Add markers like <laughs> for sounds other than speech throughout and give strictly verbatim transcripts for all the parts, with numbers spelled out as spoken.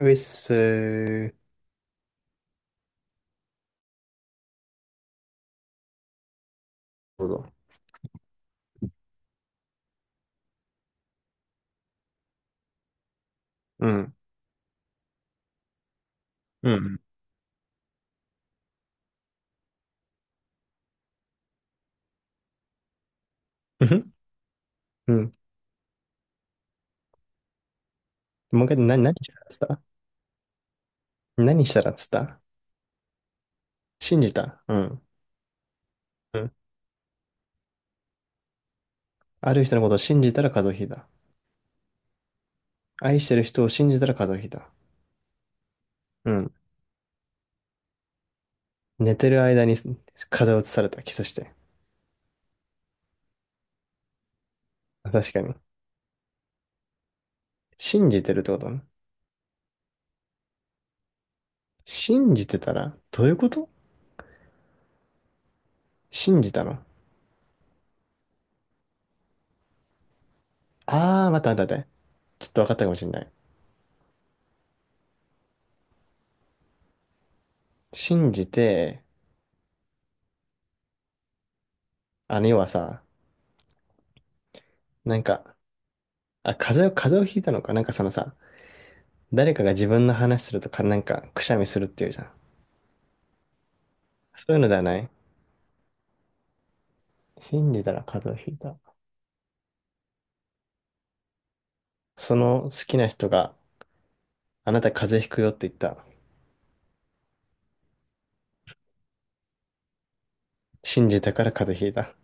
ウエッスー。そうだ。うん。うん。うん。うん。もう一回、な、何したらっつった？何したらっつった？信じた。うん。うん。ある人のことを信じたら風邪をひいた。愛してる人を信じたら風邪をひいた。うん。寝てる間に風邪をうつされた。キスして。確かに。信じてるってことね。信じてたら、どういうこと？信じたの？あー、待って待って待って。ちょっと分かったかもしれない。信じて、あの、要はさ、なんか、あ、風邪を、風邪をひいたのか。なんかそのさ、誰かが自分の話するとか、なんか、くしゃみするっていうじゃん。そういうのではない。信じたら風邪をひいた。その好きな人があなた風邪ひくよって言った。信じたから風邪ひいた。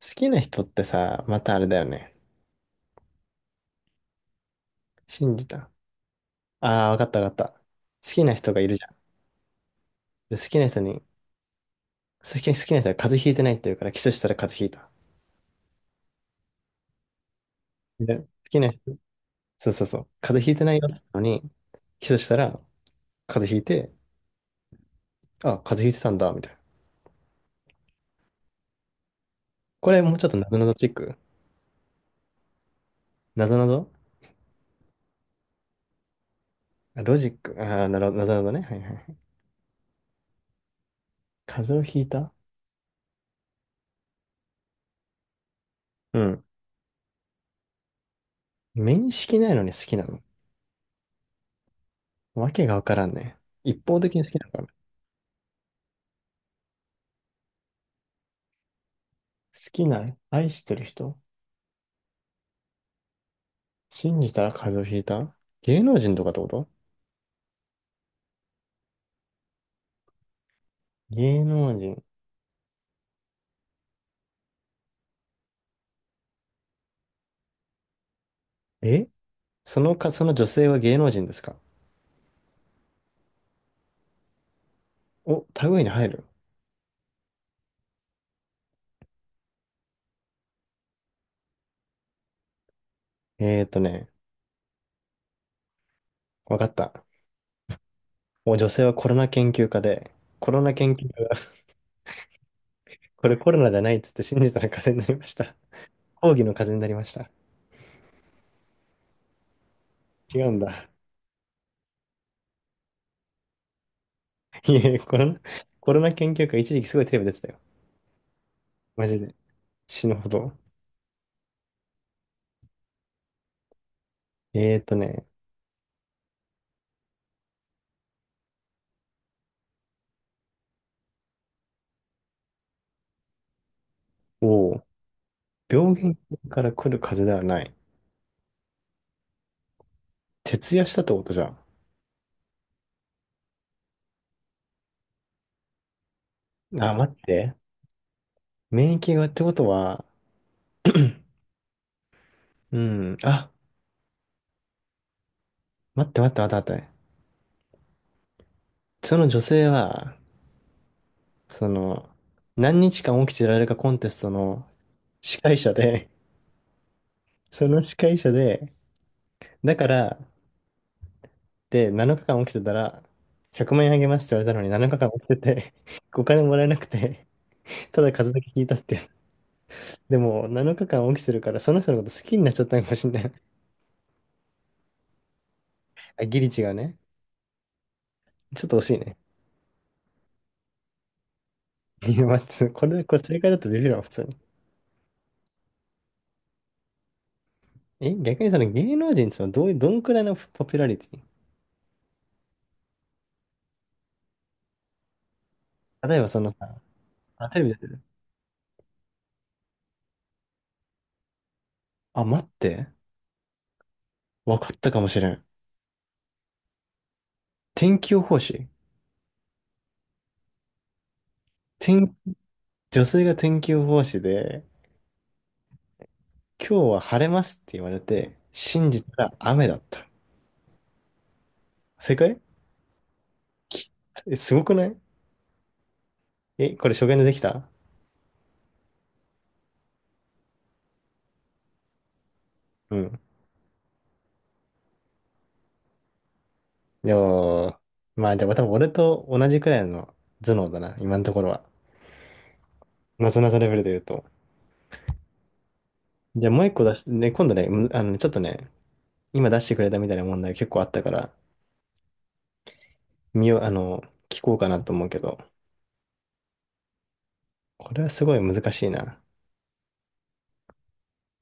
好きな人ってさ、またあれだよね。信じた。ああ、わかったわかった。好きな人がいるじゃん。で、好きな人に、好き、好きな人が風邪ひいてないって言うからキスしたら風邪ひいた。で、好きな人、そうそうそう。風邪ひいてないよって言ったのに、キスしたら風邪ひいて、あ、風邪ひいてたんだ、みたいな。これもうちょっとなぞなぞチック。なぞなぞ。あロジック。ああ、なるほど、なるほどね。はいはいはい。風邪をひいた。うん。面識ないのに好きなの？わけがわからんね。一方的に好きなのかな。好きな、愛してる人、信じたら風邪をひいた。芸能人とかってこと？芸能人。え、そのか、その女性は芸能人ですか？お、類に入る。えーとね、わかった。お、女性はコロナ研究家で、コロナ研究家が、これコロナじゃないっつって信じたら風邪になりました。抗議の風邪になりました。違うんだ。いえ、コロナ、コロナ研究会一時期すごいテレビ出てたよ。マジで。死ぬほど。えーとね、おお。病原菌から来る風邪ではない。徹夜したってことじゃん。あ、待って。免疫がってことは、<clears throat> うん、あ、待って待って待って待って。その女性は、その、何日間起きてられるかコンテストの司会者で、<laughs> その司会者で、だから、で、なのかかん起きてたら、ひゃくまん円あげますって言われたのになのかかん起きてて、<laughs> お金もらえなくて、ただ数だけ聞いたって。<laughs> でも、なのかかんオきするから、その人のこと好きになっちゃったのかもしれない。<laughs> あ、ギリ違うね。ちょっと惜しいね。<laughs> いや、待ってこれ、これ正解だとビビるわ、普通に。え、逆にその芸能人ってそのどういう、どんくらいのポピュラリティ、例えばそのさ、あ、テレビ出てる。あ、待って。わかったかもしれん。天気予報士。天、女性が天気予報士で、今日は晴れますって言われて、信じたら雨だった。正解？き、え、すごくない？え、これ初見でできた？うん。いや、まあでも多分俺と同じくらいの頭脳だな、今のところは。なぞなぞレベルで言うと。じゃあもう一個出し、ね、今度ね、むあの、ちょっとね、今出してくれたみたいな問題結構あったから、見よう、あの、聞こうかなと思うけど、これはすごい難しいな。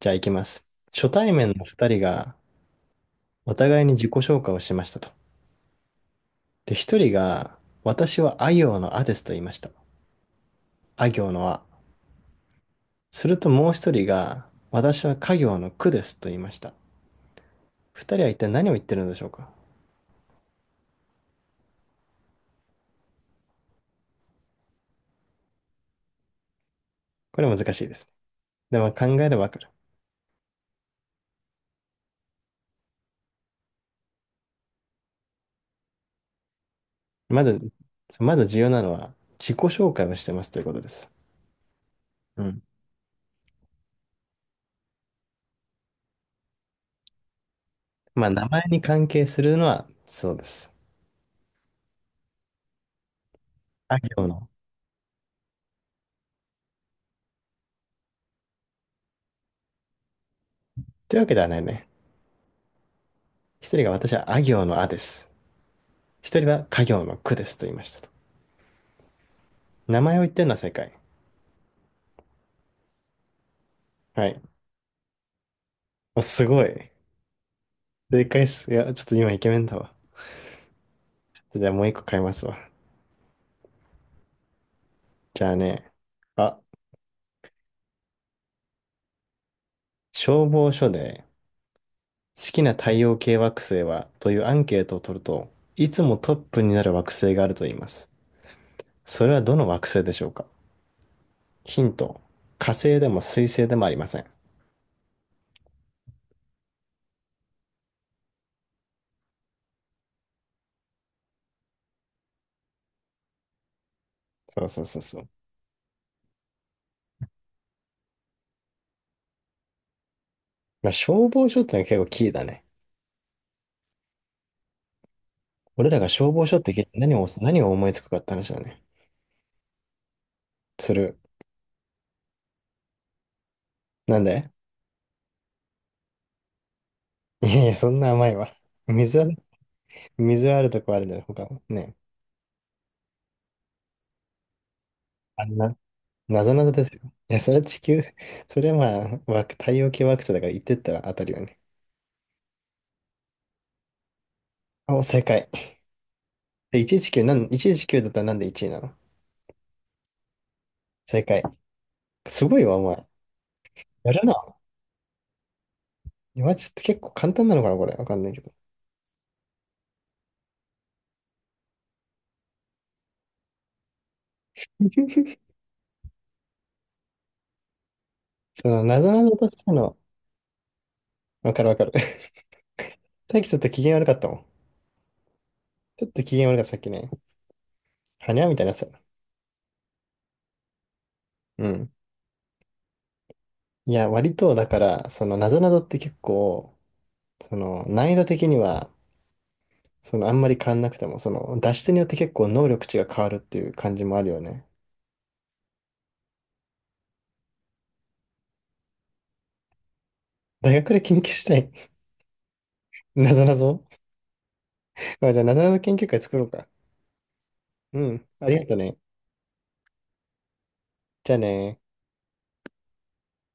じゃあ行きます。初対面の二人がお互いに自己紹介をしましたと。で、一人が、私はあ行のあですと言いました。あ行のあ。するともう一人が、私は家行のくですと言いました。二人は一体何を言ってるのでしょうか？これ難しいですね。でも考えればわかる。まず、まず重要なのは自己紹介をしてますということです。うん。まあ、名前に関係するのはそうです。あ行の。というわけではないね。一人が私はあ行のあです。一人は家行のくですと言いましたと。名前を言ってるのは正解。はい。お、すごい。正解っす。いや、ちょっと今イケメンだわ。じゃあもう一個変えますわ。じゃあね。あ、消防署で好きな太陽系惑星はというアンケートを取ると、いつもトップになる惑星があると言います。それはどの惑星でしょうか？ヒント、火星でも水星でもありません。そうそうそうそう。まあ、消防署ってのは結構キーだね。俺らが消防署って聞いて何を、何を思いつくかって話だね。する。なんで？ <laughs> いやいや、そんな甘いわ。水はね、水はあるとこあるんだよ、他も。ね。あんな、なぞなぞですよ。いや、それは地球、それはまあ、惑太陽系惑星だから言ってったら当たるよね。お、正解。えいちいちきゅう、なん、いちいちきゅうだったらなんでいちいなの？正解。すごいわ、お前。やるな。今ちょっと結構簡単なのかな、これ。わかんないけど。その、なぞなぞとしての、わかるわかる。<laughs> 大輝ちょっと機嫌悪かったもん。ちょっと機嫌悪かった、さっきね。はにゃみたいなやつ。うん。いや、割と、だから、その、なぞなぞって結構、その、難易度的には、その、あんまり変わんなくても、その、出し手によって結構能力値が変わるっていう感じもあるよね。大学で研究したい。<laughs> なぞなぞ。まあ、じゃあ、なぞなぞ研究会作ろうか。うん。ありがとね。じゃあね